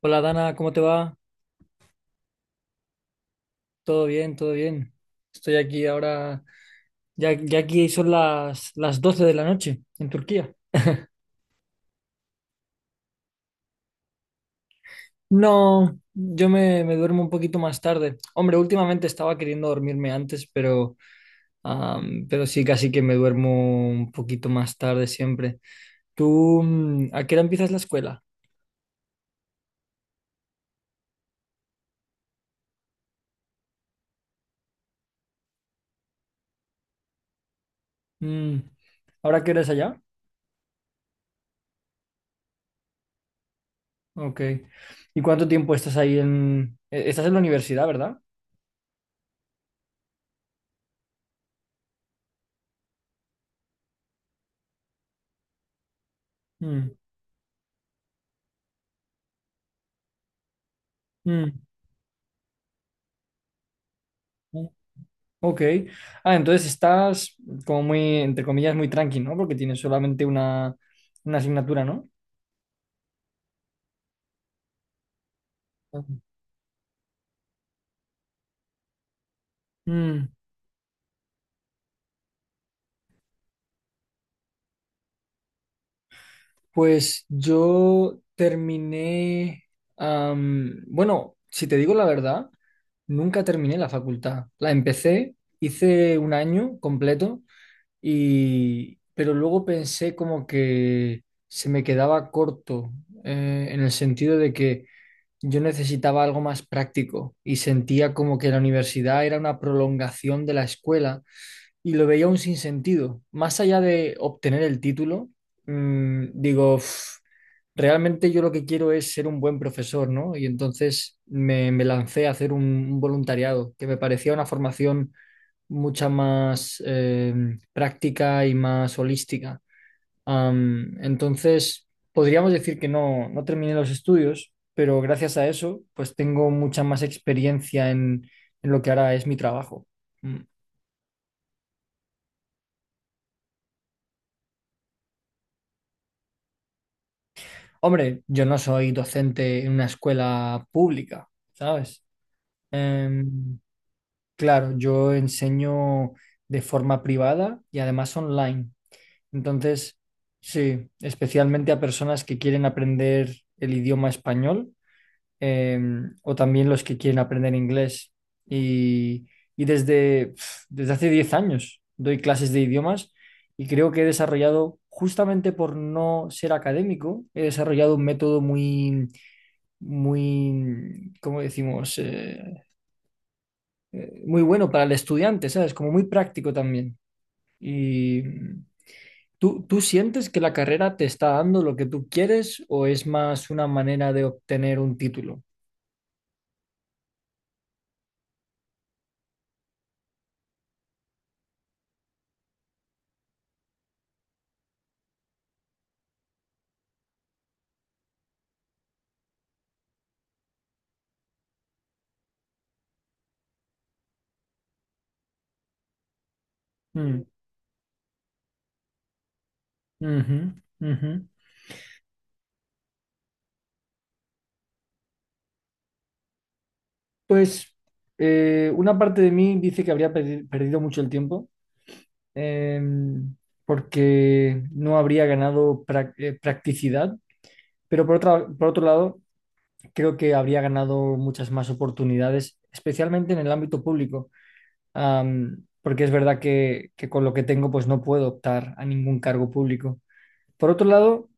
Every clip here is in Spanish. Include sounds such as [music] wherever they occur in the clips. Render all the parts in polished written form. Hola Dana, ¿cómo te va? Todo bien, todo bien. Estoy aquí ahora, ya aquí son las 12 de la noche en Turquía. No, yo me duermo un poquito más tarde. Hombre, últimamente estaba queriendo dormirme antes, pero, pero sí, casi que me duermo un poquito más tarde siempre. ¿Tú a qué hora empiezas la escuela? Mm, ¿Ahora qué hora es allá? Ok. ¿Y cuánto tiempo estás ahí en... Estás en la universidad, ¿verdad? Mm, mm, mm. Ok. Ah, entonces estás como muy, entre comillas, muy tranqui, ¿no? Porque tienes solamente una asignatura, ¿no? Ujú. Mm, pues yo terminé, bueno, si te digo la verdad, nunca terminé la facultad. La empecé, hice un año completo y, pero luego pensé como que se me quedaba corto, en el sentido de que yo necesitaba algo más práctico y sentía como que la universidad era una prolongación de la escuela y lo veía un sinsentido. Más allá de obtener el título, digo: "Uf, realmente yo lo que quiero es ser un buen profesor, ¿no?" Y entonces me lancé a hacer un voluntariado que me parecía una formación mucha más práctica y más holística. Entonces, podríamos decir que no terminé los estudios, pero gracias a eso, pues tengo mucha más experiencia en lo que ahora es mi trabajo. Mm. Hombre, yo no soy docente en una escuela pública, ¿sabes? Em, claro, yo enseño de forma privada y además online. Entonces, sí, especialmente a personas que quieren aprender el idioma español o también los que quieren aprender inglés. Y, y desde, pf, desde hace 10 años doy clases de idiomas y creo que he desarrollado, justamente por no ser académico, he desarrollado un método muy, muy, ¿cómo decimos? Muy bueno para el estudiante, ¿sabes? Como muy práctico también. Y ¿tú sientes que la carrera te está dando lo que tú quieres o es más una manera de obtener un título? Mm, ujú, ujú. Pues una parte de mí dice que habría perdido mucho el tiempo em, porque no habría ganado practicidad, pero por otro lado creo que habría ganado muchas más oportunidades, especialmente en el ámbito público. Porque es verdad que con lo que tengo pues no puedo optar a ningún cargo público. Por otro lado,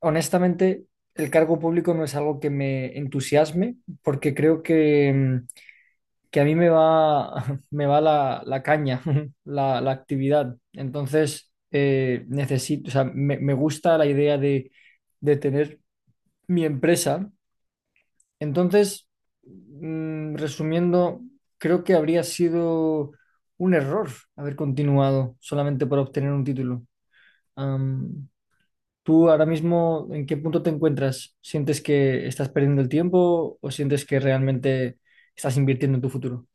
honestamente, el cargo público no es algo que me entusiasme porque creo que... que a mí me va, [laughs] me va la caña, [laughs] la actividad. Entonces, necesito, o sea, me gusta la idea de tener mi empresa. Entonces, resumiendo, creo que habría sido un error haber continuado solamente para obtener un título. Am, ¿Tú ahora mismo en qué punto te encuentras? ¿Sientes que estás perdiendo el tiempo o sientes que realmente estás invirtiendo en tu futuro?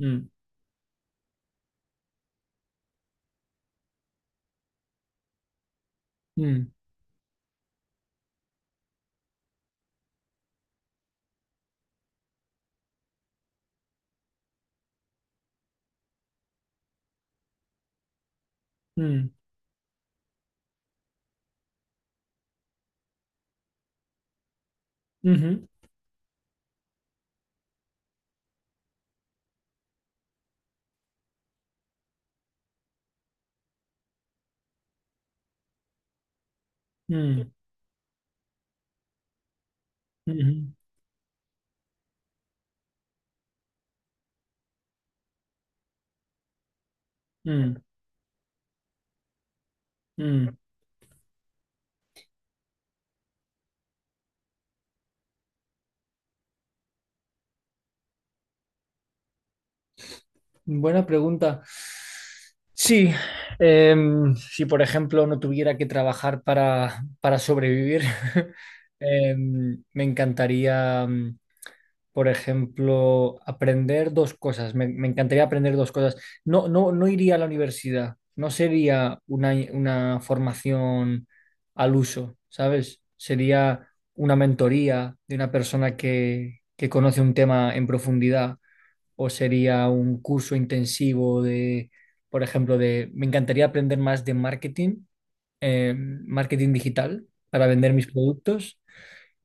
Mm, mm, mm. Ujú, mm, ujú, mm, mm, mm. Buena pregunta. Sí, si por ejemplo no tuviera que trabajar para sobrevivir, [laughs] me encantaría. Por ejemplo, aprender dos cosas. Me encantaría aprender dos cosas. No, no, no iría a la universidad. No sería una formación al uso, ¿sabes? Sería una mentoría de una persona que conoce un tema en profundidad o sería un curso intensivo de, por ejemplo, de... Me encantaría aprender más de marketing, marketing digital para vender mis productos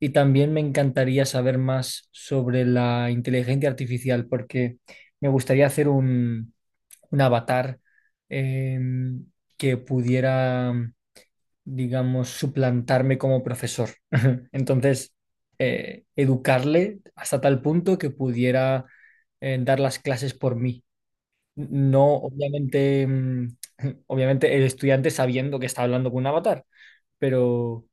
y también me encantaría saber más sobre la inteligencia artificial, porque me gustaría hacer un avatar eh, que pudiera, digamos, suplantarme como profesor. [laughs] Entonces, educarle hasta tal punto que pudiera dar las clases por mí. No, obviamente, [laughs] obviamente el estudiante sabiendo que está hablando con un avatar, pero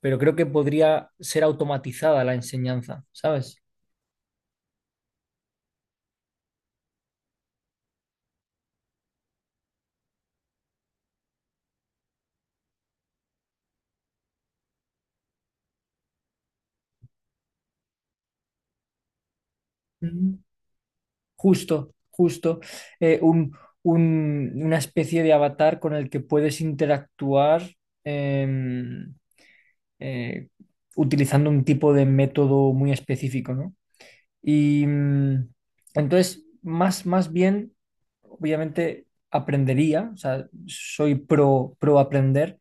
pero creo que podría ser automatizada la enseñanza, ¿sabes? Mm. Justo, justo. eh, un, una especie de avatar con el que puedes interactuar em, eh, utilizando un tipo de método muy específico, ¿no? Y entonces, más, más bien, obviamente, aprendería, o sea, soy pro, pro aprender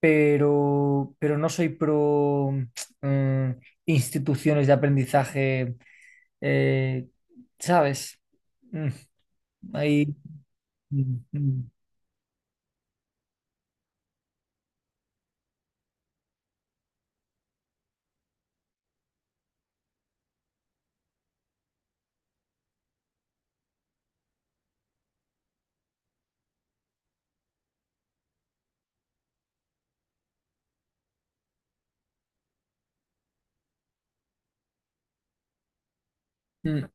pero no soy pro mm, instituciones de aprendizaje, eh, ¿sabes? Mm, ahí, mm, mm, mm.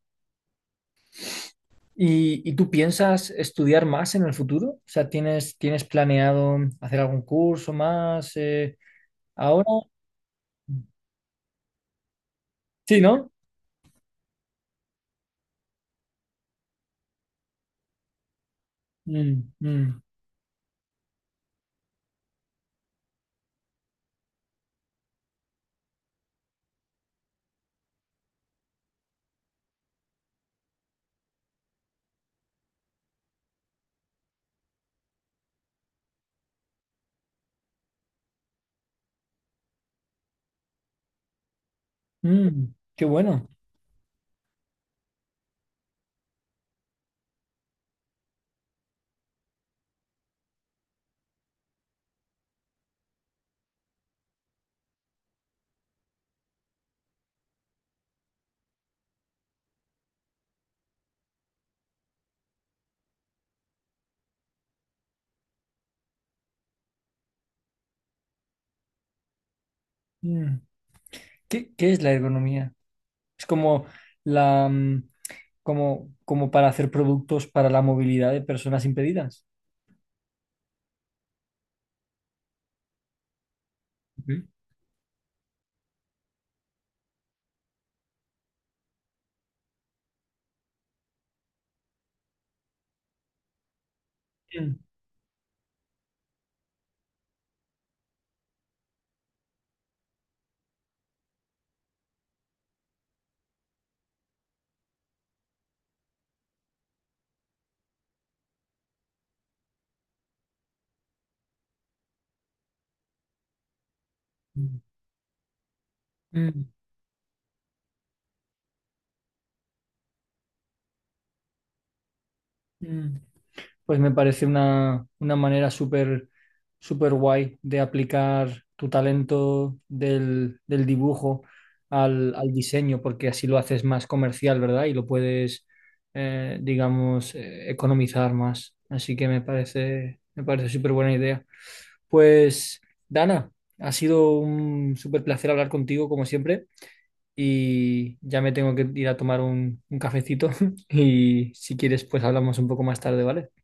Y tú piensas estudiar más en el futuro? O sea, ¿tienes, tienes planeado hacer algún curso más ahora? Sí, ¿no? Mm, mm, mm, qué bueno. Mm. ¿Qué, qué es la ergonomía? Es como la... como, como para hacer productos para la movilidad de personas impedidas. Ujú. Mm, mm, mm. Pues me parece una manera súper súper guay de aplicar tu talento del, del dibujo al, al diseño, porque así lo haces más comercial, ¿verdad? Y lo puedes, digamos, economizar más. Así que me parece súper buena idea. Pues, Dana, ha sido un súper placer hablar contigo, como siempre. Y ya me tengo que ir a tomar un cafecito [laughs] y si quieres pues hablamos un poco más tarde, ¿vale?